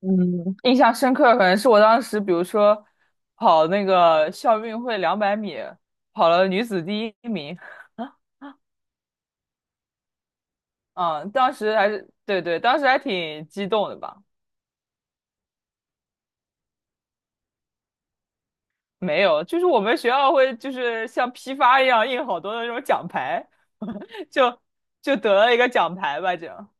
嗯，印象深刻可能是我当时，比如说跑那个校运会200米，跑了女子第一名。嗯，当时还是对对，当时还挺激动的吧？没有，就是我们学校会就是像批发一样印好多的那种奖牌，就就得了一个奖牌吧，这样。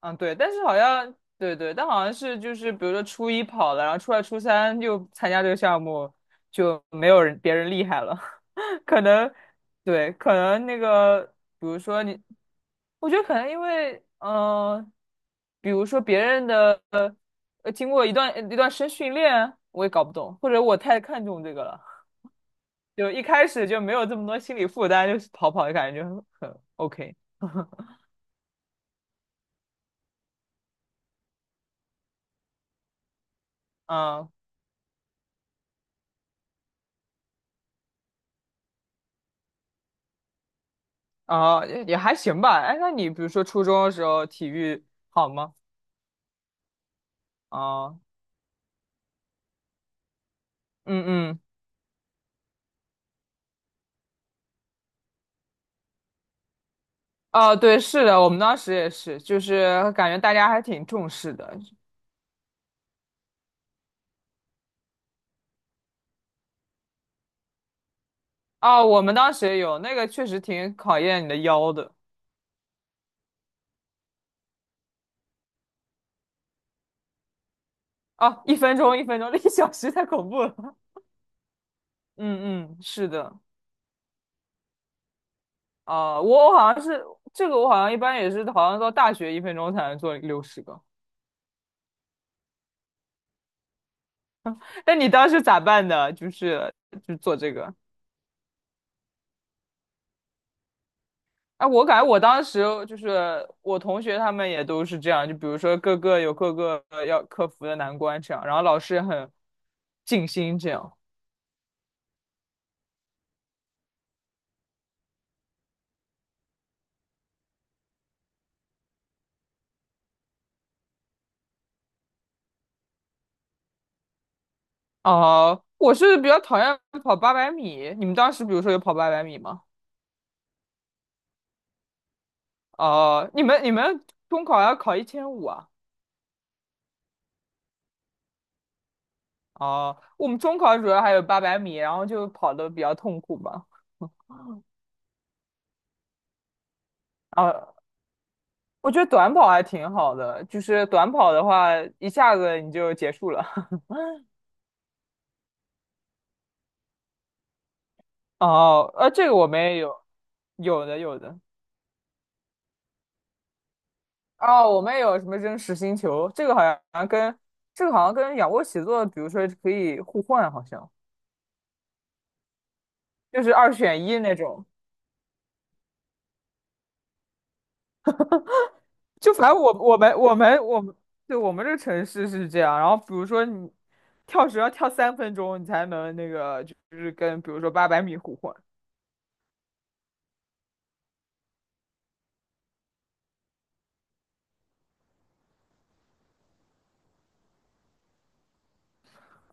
嗯，对，但是好像对对，但好像是就是比如说初一跑了，然后初二、初三又参加这个项目，就没有人别人厉害了。可能对，可能那个，比如说你，我觉得可能因为，比如说别人的，经过一段一段时间训练，我也搞不懂，或者我太看重这个了，就一开始就没有这么多心理负担，就是跑跑的感觉很 OK,嗯，哦，也还行吧。哎，那你比如说初中的时候体育好吗？啊，嗯嗯。哦，对，是的，我们当时也是，就是感觉大家还挺重视的，啊，我们当时也有那个，确实挺考验你的腰的。啊，一分钟，一分钟，1小时太恐怖了。嗯嗯，是的。啊，我好像是这个，我好像一般也是，好像到大学一分钟才能做60个。那你当时咋办的？就是就做这个？哎、我感觉我当时就是我同学他们也都是这样，就比如说各个有各个要克服的难关这样，然后老师也很尽心这样。哦，我是比较讨厌跑八百米。你们当时比如说有跑八百米吗？哦，你们中考要考1500啊？哦，我们中考主要还有八百米，然后就跑的比较痛苦吧。啊，我觉得短跑还挺好的，就是短跑的话一下子你就结束了。哦，这个我们也有，有的有的。哦，我们也有什么扔实心球，这个好像跟仰卧起坐，比如说可以互换，好像就是二选一那种。就反正我们对，我们这个城市是这样，然后比如说你跳绳要跳3分钟，你才能那个就是跟比如说八百米互换。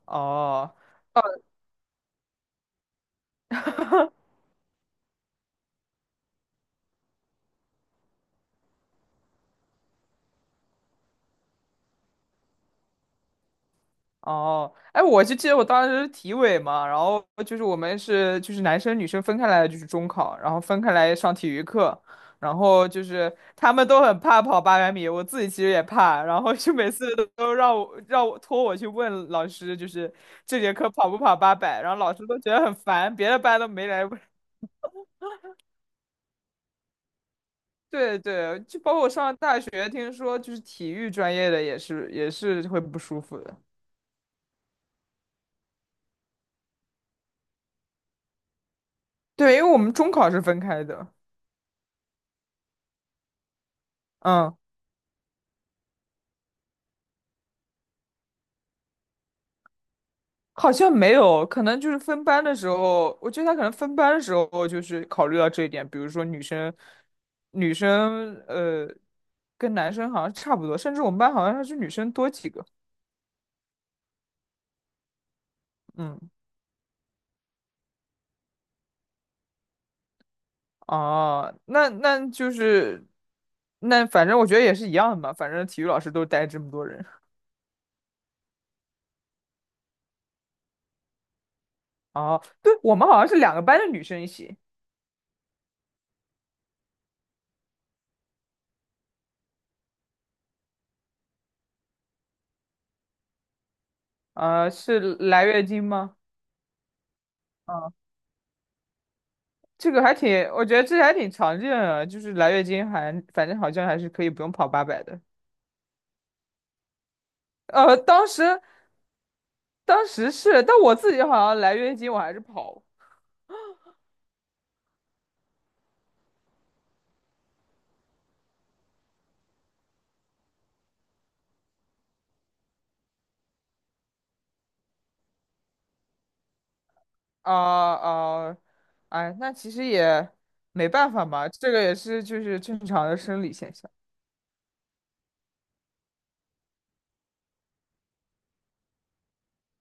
哦，哦，哎，我就记得我当时是体委嘛，然后就是我们是就是男生女生分开来的，就是中考，然后分开来上体育课，然后就是他们都很怕跑八百米，我自己其实也怕，然后就每次都让我让我托我去问老师，就是这节课跑不跑八百，然后老师都觉得很烦，别的班都没来问。对对，就包括我上大学，听说就是体育专业的也是会不舒服的。对，因为我们中考是分开的，嗯。好像没有，可能就是分班的时候，我觉得他可能分班的时候就是考虑到这一点，比如说女生，女生呃跟男生好像差不多，甚至我们班好像还是女生多几个。嗯，哦，那那就是那反正我觉得也是一样的嘛，反正体育老师都带这么多人。哦，对，我们好像是两个班的女生一起，是来月经吗？嗯这个还挺，我觉得这还挺常见的，就是来月经还反正好像还是可以不用跑八百的。当时是，但我自己好像来月经我还是跑啊啊、呃哎，那其实也没办法嘛，这个也是就是正常的生理现象。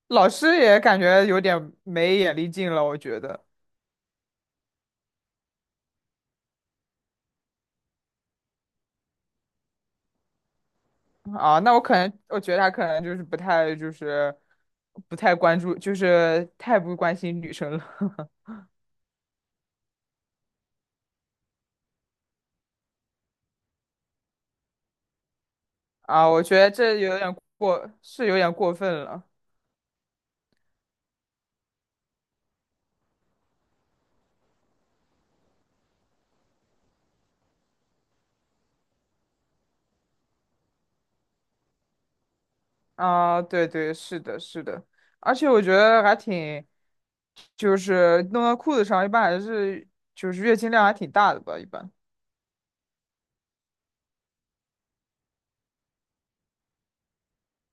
老师也感觉有点没眼力劲了，我觉得啊，那我可能我觉得他可能就是不太关注，就是太不关心女生了。啊，我觉得这有点过，是有点过分了啊！对对，是的，是的，而且我觉得还挺，就是弄到裤子上，一般还是就是月经量还挺大的吧，一般。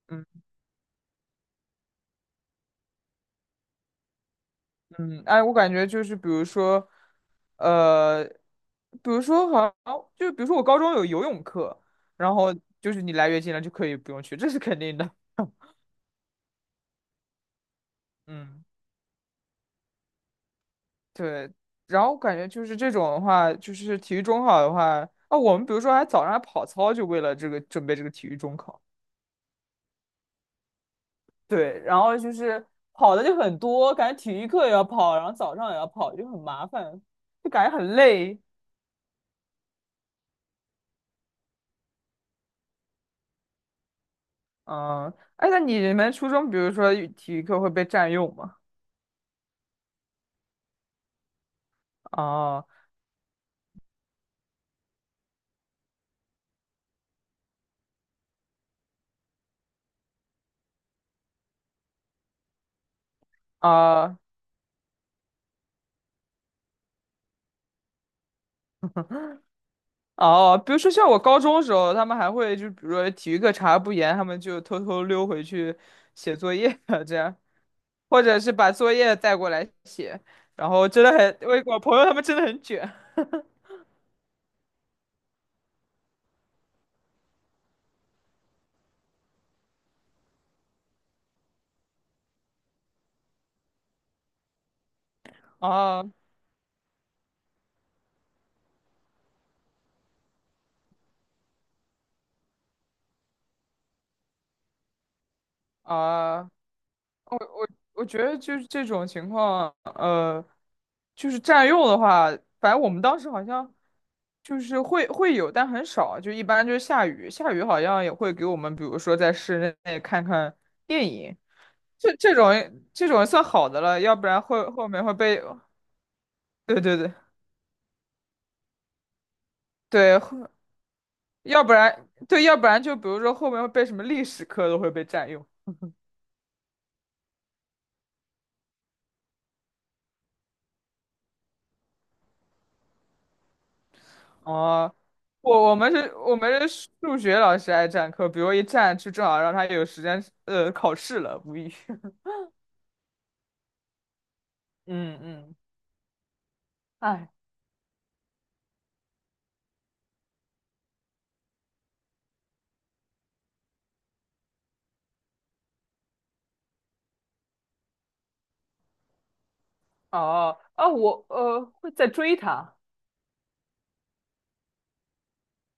嗯嗯，哎，我感觉就是比如说，呃，比如说好像就比如说我高中有游泳课，然后就是你来月经了就可以不用去，这是肯定的。嗯。对，然后我感觉就是这种的话，就是体育中考的话，啊，我们比如说还早上还跑操，就为了这个准备这个体育中考。对，然后就是跑的就很多，感觉体育课也要跑，然后早上也要跑，就很麻烦，就感觉很累。嗯，哎，那你们初中，比如说体育课会被占用吗？哦啊哦，比如说像我高中的时候，他们还会就比如说体育课查不严，他们就偷偷溜回去写作业 这样。或者是把作业带过来写，然后真的很，我朋友他们真的很卷。啊啊，我觉得就是这种情况，就是占用的话，反正我们当时好像就是会有，但很少，就一般就是下雨，下雨好像也会给我们，比如说在室内看看电影，这这种这种算好的了，要不然后后面会被，对对对对，要不然对，要不然就比如说后面会被什么历史课都会被占用。哦，我们是数学老师爱占课，比如一占就正好让他有时间考试了，无语。嗯嗯，哎，哦啊，我会在追他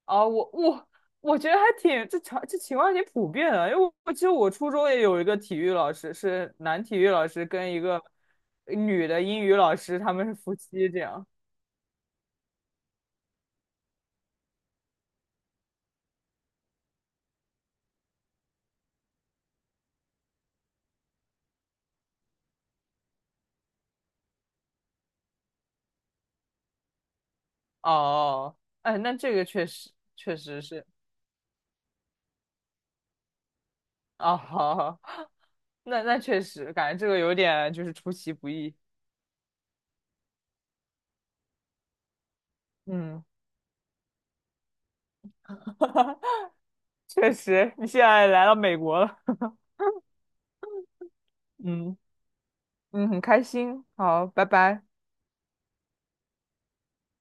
啊，我我觉得还挺这情况挺普遍的，因为我记得我初中也有一个体育老师是男体育老师跟一个女的英语老师，他们是夫妻这样。哦，哎，那这个确实确实是哦。好好。那确实，感觉这个有点就是出其不意。嗯，确实，你现在来到美国了，嗯嗯，很开心。好，拜拜。